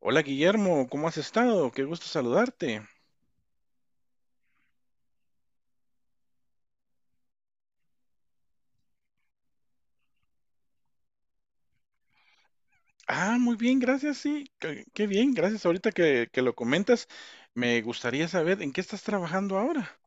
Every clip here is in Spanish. Hola Guillermo, ¿cómo has estado? Qué gusto saludarte. Ah, muy bien, gracias, sí, qué bien, gracias. Ahorita que lo comentas, me gustaría saber en qué estás trabajando ahora.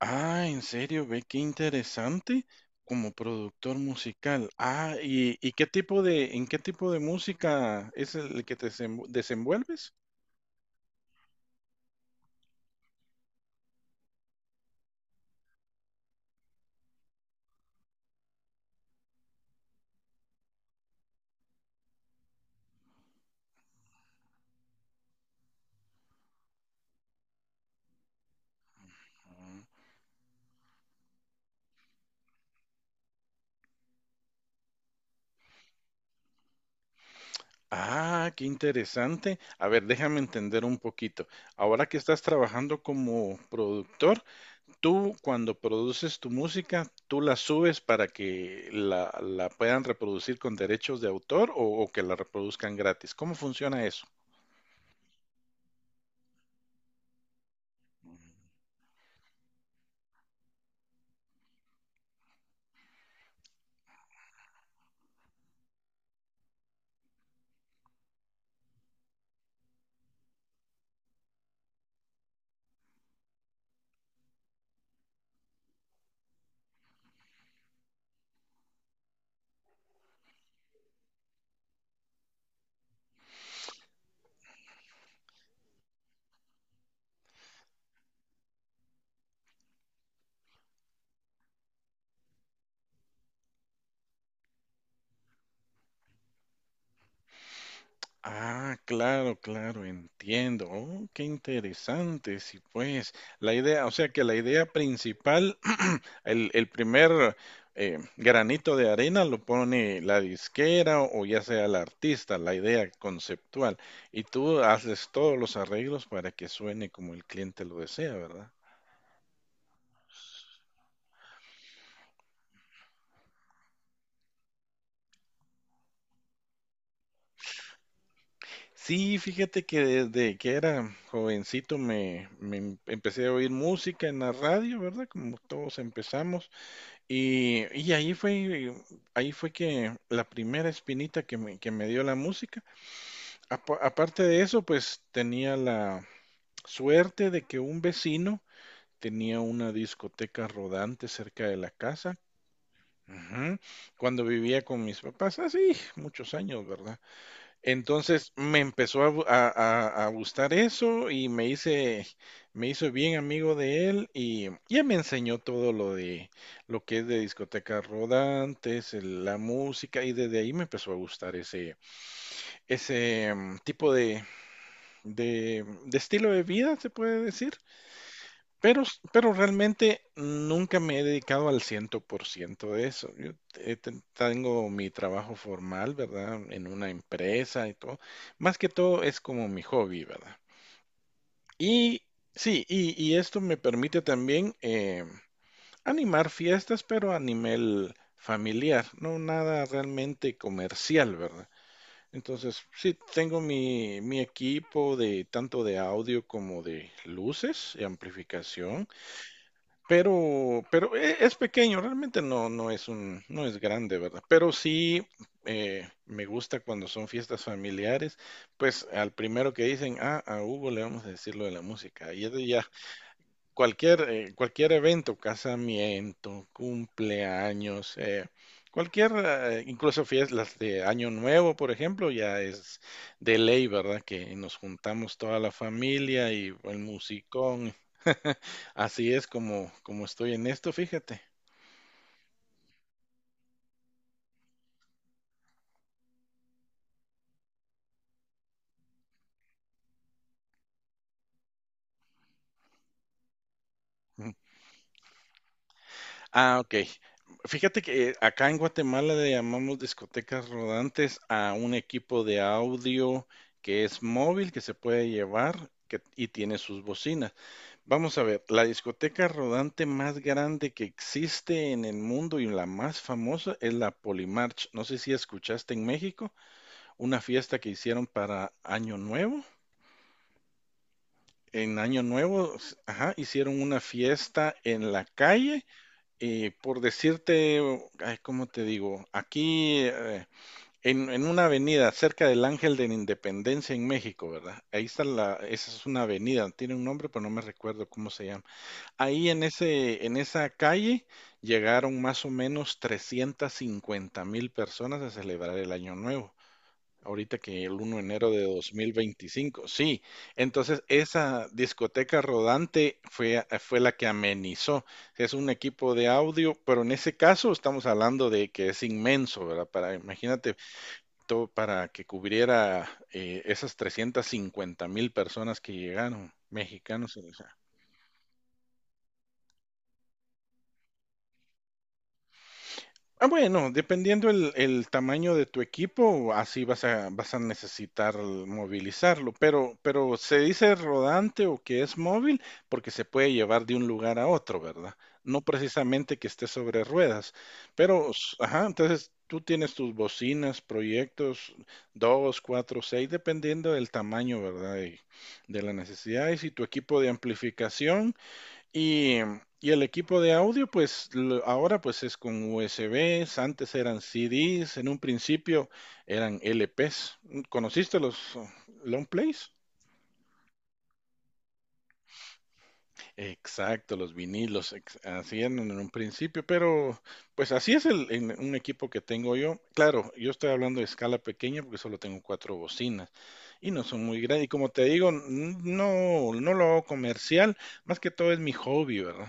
Ah, en serio, ve qué interesante como productor musical. Ah, y qué tipo de, ¿en qué tipo de música es el que te desenvuelves? Mm. Ah, qué interesante. A ver, déjame entender un poquito. Ahora que estás trabajando como productor, tú, cuando produces tu música, ¿tú la subes para que la puedan reproducir con derechos de autor o que la reproduzcan gratis? ¿Cómo funciona eso? Ah, claro, claro, entiendo. Oh, qué interesante. Sí, pues, la idea, o sea que la idea principal, el primer granito de arena lo pone la disquera o ya sea el artista, la idea conceptual. Y tú haces todos los arreglos para que suene como el cliente lo desea, ¿verdad? Sí, fíjate que desde que era jovencito empecé a oír música en la radio, ¿verdad? Como todos empezamos. Y ahí fue que la primera espinita que me dio la música. Aparte de eso, pues tenía la suerte de que un vecino tenía una discoteca rodante cerca de la casa. Ujú. Cuando vivía con mis papás, así, muchos años, ¿verdad? Entonces me empezó a, gu- a gustar eso y me hizo bien amigo de él y ya me enseñó todo lo de lo que es de discotecas rodantes, la música y desde ahí me empezó a gustar ese, ese tipo de estilo de vida, se puede decir. Pero, pero realmente nunca me he dedicado al 100% de eso. Yo tengo mi trabajo formal, ¿verdad? En una empresa y todo. Más que todo es como mi hobby, ¿verdad? Y sí, y esto me permite también animar fiestas, pero a nivel familiar, no nada realmente comercial, ¿verdad? Entonces, sí, tengo mi equipo de tanto de audio como de luces y amplificación. Pero es pequeño, realmente no es grande, ¿verdad? Pero sí me gusta cuando son fiestas familiares, pues al primero que dicen, ah, a Hugo le vamos a decir lo de la música. Y es de ya cualquier evento, casamiento, cumpleaños, incluso fiestas de Año Nuevo, por ejemplo, ya es de ley, ¿verdad? Que nos juntamos toda la familia y el musicón. Así es como estoy en esto, fíjate. Ah, ok. Fíjate que acá en Guatemala le llamamos discotecas rodantes a un equipo de audio que es móvil, que se puede llevar y tiene sus bocinas. Vamos a ver, la discoteca rodante más grande que existe en el mundo y la más famosa es la Polimarch. No sé si escuchaste en México una fiesta que hicieron para Año Nuevo. En Año Nuevo, ajá, hicieron una fiesta en la calle y por decirte, ay, ¿cómo te digo? Aquí en una avenida cerca del Ángel de la Independencia en México, ¿verdad? Ahí está esa es una avenida, tiene un nombre, pero no me recuerdo cómo se llama. Ahí en esa calle llegaron más o menos 350 mil personas a celebrar el Año Nuevo. Ahorita que el 1 de enero de 2025, sí. Entonces, esa discoteca rodante fue la que amenizó. Es un equipo de audio, pero en ese caso estamos hablando de que es inmenso, ¿verdad? Para, imagínate, todo para que cubriera esas 350 mil personas que llegaron, mexicanos. Ah, bueno, dependiendo el tamaño de tu equipo, así vas a necesitar movilizarlo, pero se dice rodante o que es móvil porque se puede llevar de un lugar a otro, ¿verdad? No precisamente que esté sobre ruedas, pero, ajá, entonces tú tienes tus bocinas, proyectos, dos, cuatro, seis, dependiendo del tamaño, ¿verdad? Y de la necesidad. Y si tu equipo de amplificación... Y, y el equipo de audio, pues ahora pues es con USBs, antes eran CDs, en un principio eran LPs. ¿Conociste los long plays? Exacto, los vinilos, así eran en un principio, pero pues así es en un equipo que tengo yo. Claro, yo estoy hablando de escala pequeña porque solo tengo cuatro bocinas y no son muy grandes. Y como te digo, no lo hago comercial, más que todo es mi hobby, ¿verdad?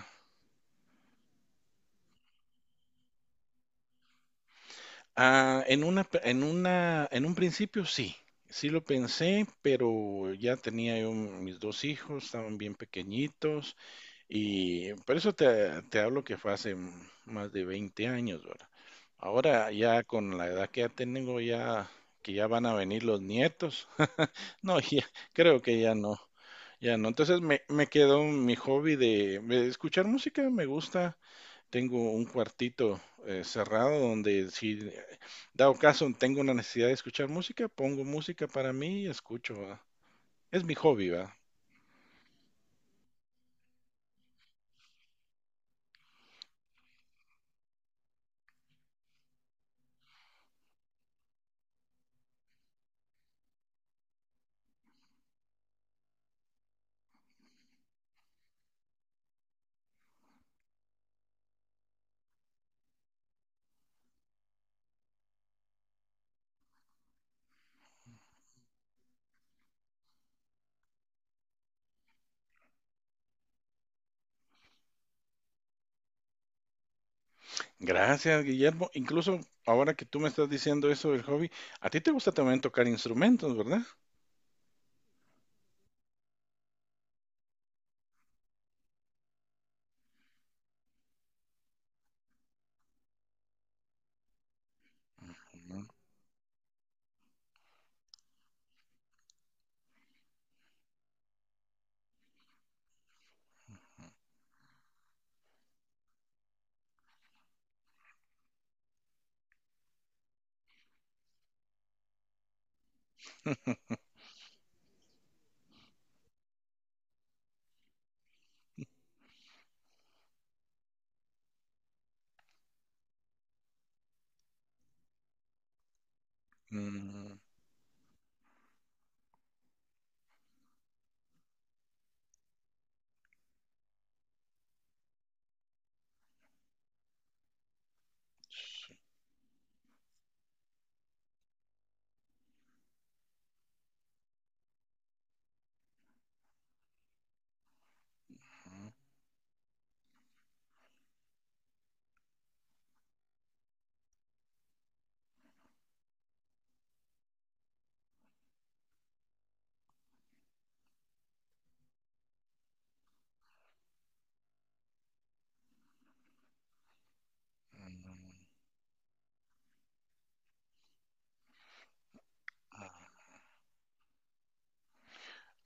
Ah, en una, pe- en una, en un principio sí, sí lo pensé, pero ya tenía yo mis dos hijos, estaban bien pequeñitos, y por eso te hablo que fue hace más de 20 años, ¿verdad? Ahora ya con la edad que ya tengo, ya que ya van a venir los nietos, no, ya, creo que ya no, ya no. Entonces me quedó mi hobby de escuchar música, me gusta, tengo un cuartito cerrado donde si dado caso tengo una necesidad de escuchar música, pongo música para mí y escucho, ¿va? Es mi hobby, ¿va? Gracias, Guillermo. Incluso ahora que tú me estás diciendo eso del hobby, a ti te gusta también tocar instrumentos, ¿verdad? Mm, mm, sí, mm.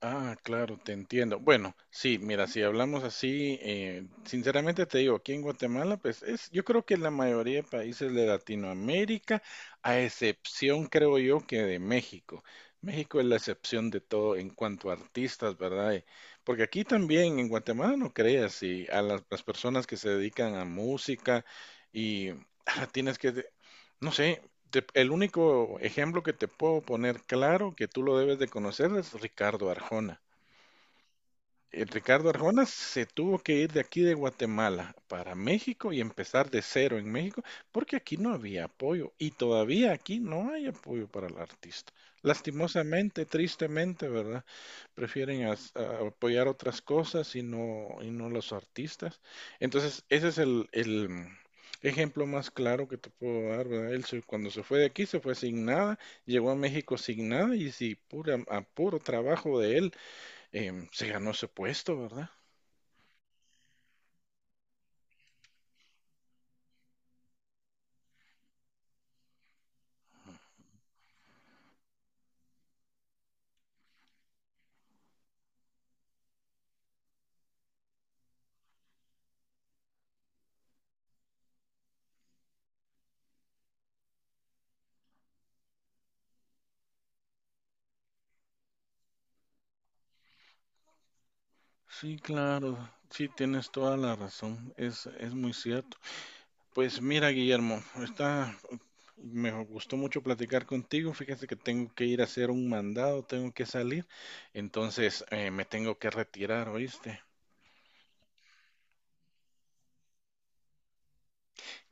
Ah, claro, te entiendo. Bueno, sí, mira, si hablamos así, sinceramente te digo, aquí en Guatemala, pues es, yo creo que la mayoría de países de Latinoamérica, a excepción, creo yo, que de México. México es la excepción de todo en cuanto a artistas, ¿verdad? Porque aquí también, en Guatemala, no creas, y a las personas que se dedican a música y tienes que, no sé, el único ejemplo que te puedo poner claro que tú lo debes de conocer es Ricardo Arjona. Ricardo Arjona se tuvo que ir de aquí de Guatemala para México y empezar de cero en México porque aquí no había apoyo y todavía aquí no hay apoyo para el artista. Lastimosamente, tristemente, ¿verdad? Prefieren apoyar otras cosas y no los artistas. Entonces, ese es el ejemplo más claro que te puedo dar, ¿verdad? Él cuando se fue de aquí se fue sin nada, llegó a México sin nada y si pura, a puro trabajo de él se ganó ese puesto, ¿verdad? Sí, claro, sí, tienes toda la razón, es muy cierto. Pues mira, Guillermo, me gustó mucho platicar contigo, fíjate que tengo que ir a hacer un mandado, tengo que salir, entonces me tengo que retirar, ¿oíste?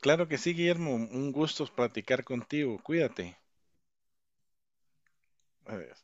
Claro que sí, Guillermo, un gusto platicar contigo, cuídate. Adiós.